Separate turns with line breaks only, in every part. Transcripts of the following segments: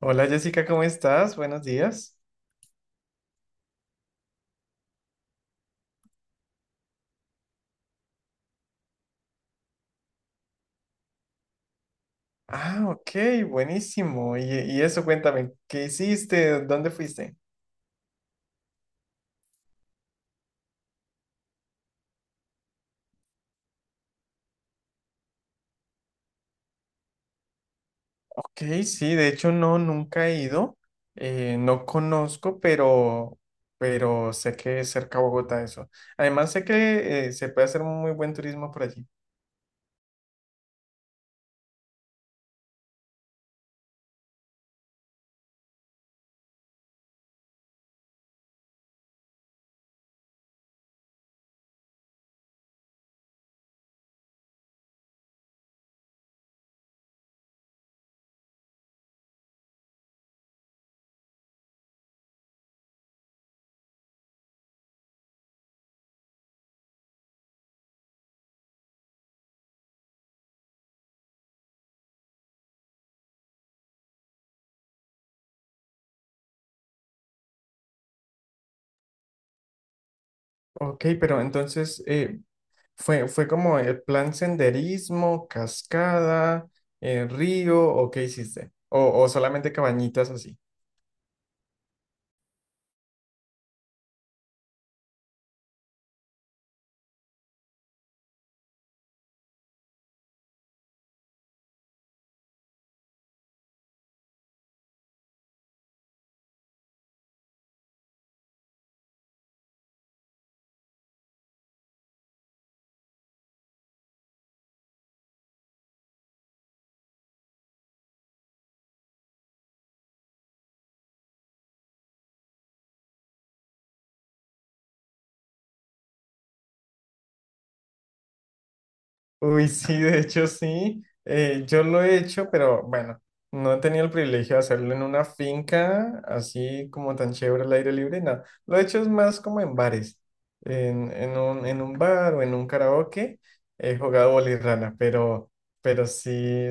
Hola Jessica, ¿cómo estás? Buenos días. Ah, ok, buenísimo. Y eso, cuéntame, ¿qué hiciste? ¿Dónde fuiste? Ok, sí, de hecho no, nunca he ido. No conozco, pero sé que es cerca a Bogotá eso. Además sé que se puede hacer muy buen turismo por allí. Ok, pero entonces fue como el plan senderismo, cascada, río, ¿o qué hiciste? O solamente cabañitas así. Uy, sí, de hecho sí. Yo lo he hecho, pero bueno, no he tenido el privilegio de hacerlo en una finca así como tan chévere al aire libre, no. Lo he hecho es más como en bares, en un bar o en un karaoke. He jugado bolirrana, pero sí,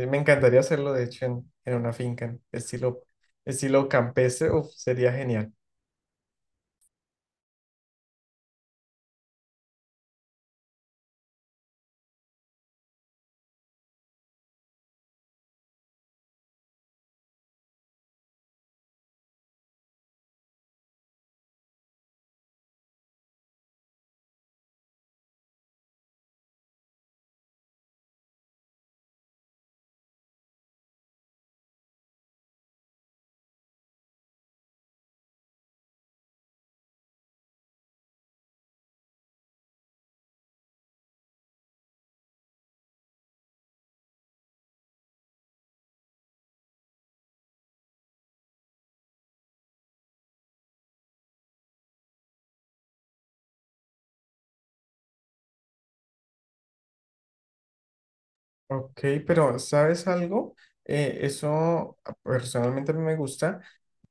me encantaría hacerlo de hecho en una finca, estilo campestre, uf, sería genial. Ok, pero ¿sabes algo? Eso ah, personalmente a mí me gusta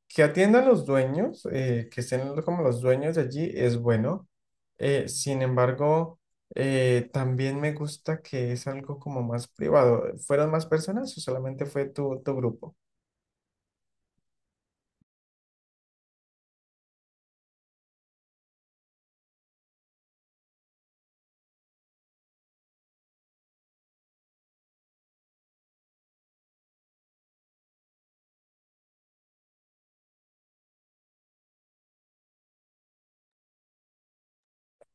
que atiendan los dueños, que estén como los dueños de allí, es bueno. Sin embargo, también me gusta que es algo como más privado. ¿Fueron más personas o solamente fue tu grupo?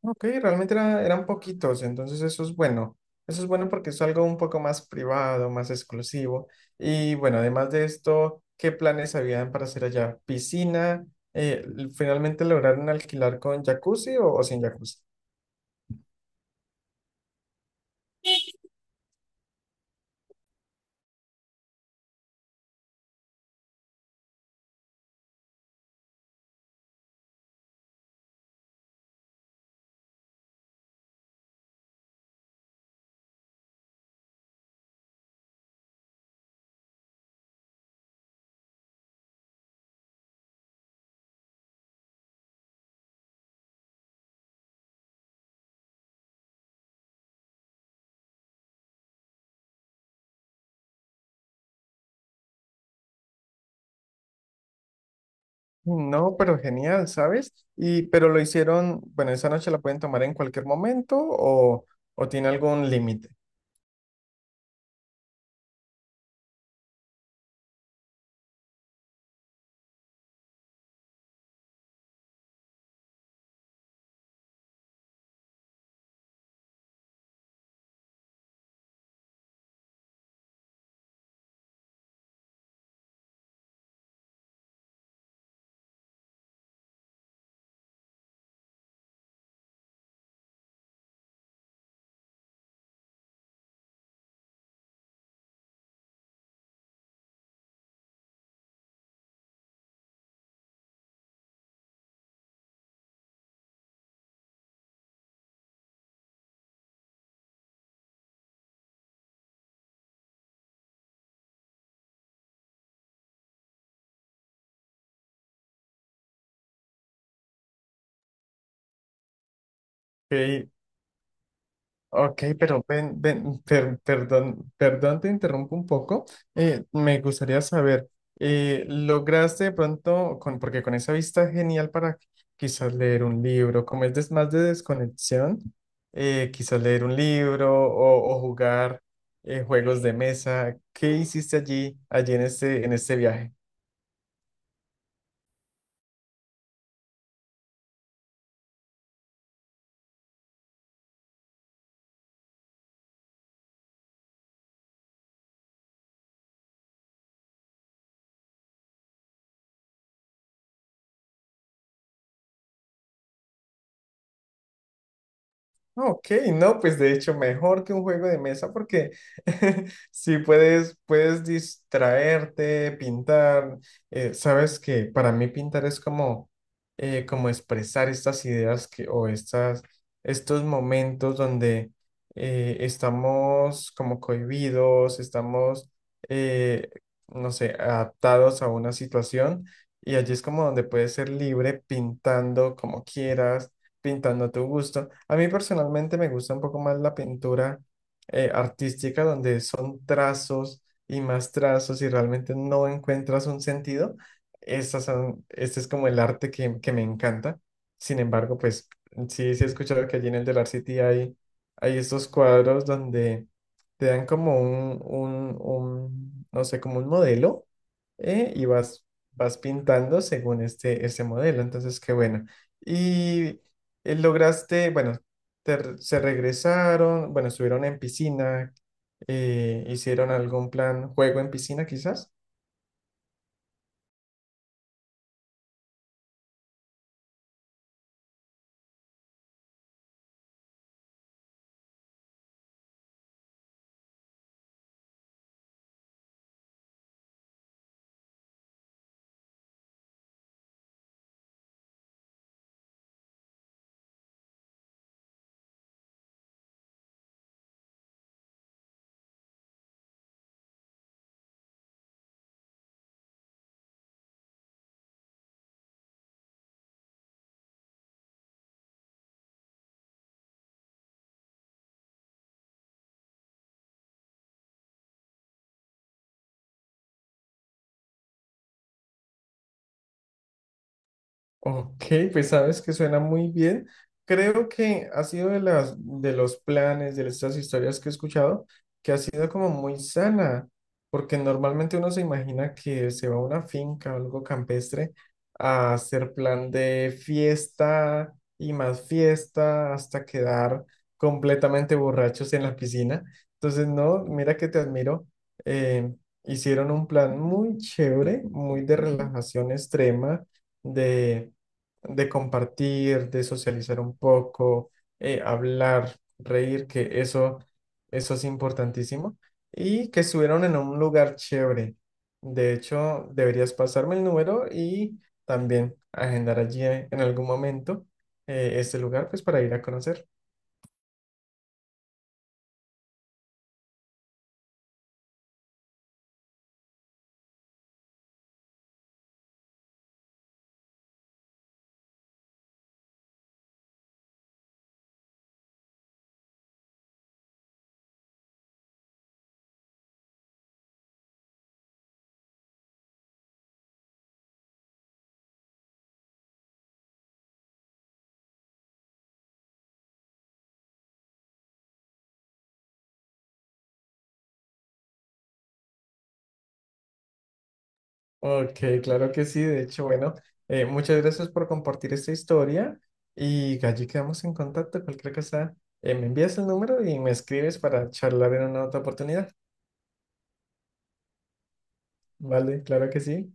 Ok, realmente eran poquitos, entonces eso es bueno. Eso es bueno porque es algo un poco más privado, más exclusivo. Y bueno, además de esto, ¿qué planes habían para hacer allá? ¿Piscina? Eh, ¿Finalmente lograron alquilar con jacuzzi o sin jacuzzi? No, pero genial, ¿sabes? Y pero lo hicieron, bueno, esa noche la pueden tomar en cualquier momento o tiene algún límite. Ok, ok, pero ven, ven, perdón, perdón, te interrumpo un poco. Me gustaría saber, ¿lograste de pronto, con, porque con esa vista es genial para quizás leer un libro, como es más de desconexión, quizás leer un libro o jugar juegos de mesa? ¿Qué hiciste allí en en este viaje? Ok, no, pues de hecho mejor que un juego de mesa porque si puedes, puedes distraerte, pintar, sabes que para mí pintar es como, como expresar estas ideas que, o estas, estos momentos donde estamos como cohibidos, estamos, eh, no sé, adaptados a una situación y allí es como donde puedes ser libre pintando como quieras pintando a tu gusto. A mí personalmente me gusta un poco más la pintura artística, donde son trazos y más trazos y realmente no encuentras un sentido. Este es como el arte que me encanta. Sin embargo, pues sí, sí he escuchado que allí en el Delar City hay, hay estos cuadros donde te dan como un, no sé, como un modelo y vas, vas pintando según ese modelo. Entonces, qué bueno. Y lograste, bueno, se regresaron, bueno, estuvieron en piscina, hicieron algún plan, juego en piscina quizás. Ok, pues sabes que suena muy bien. Creo que ha sido de las de los planes, de estas historias que he escuchado, que ha sido como muy sana, porque normalmente uno se imagina que se va a una finca o algo campestre a hacer plan de fiesta y más fiesta hasta quedar completamente borrachos en la piscina. Entonces, no, mira que te admiro. eh, Hicieron un plan muy chévere, muy de relajación extrema, de de compartir, de socializar un poco, hablar, reír, eso es importantísimo. Y que estuvieron en un lugar chévere. De hecho, deberías pasarme el número y también agendar allí en algún momento este lugar, pues para ir a conocer. Ok, claro que sí. De hecho, bueno, muchas gracias por compartir esta historia y allí quedamos en contacto. Cualquier cosa, me envías el número y me escribes para charlar en una otra oportunidad. Vale, claro que sí.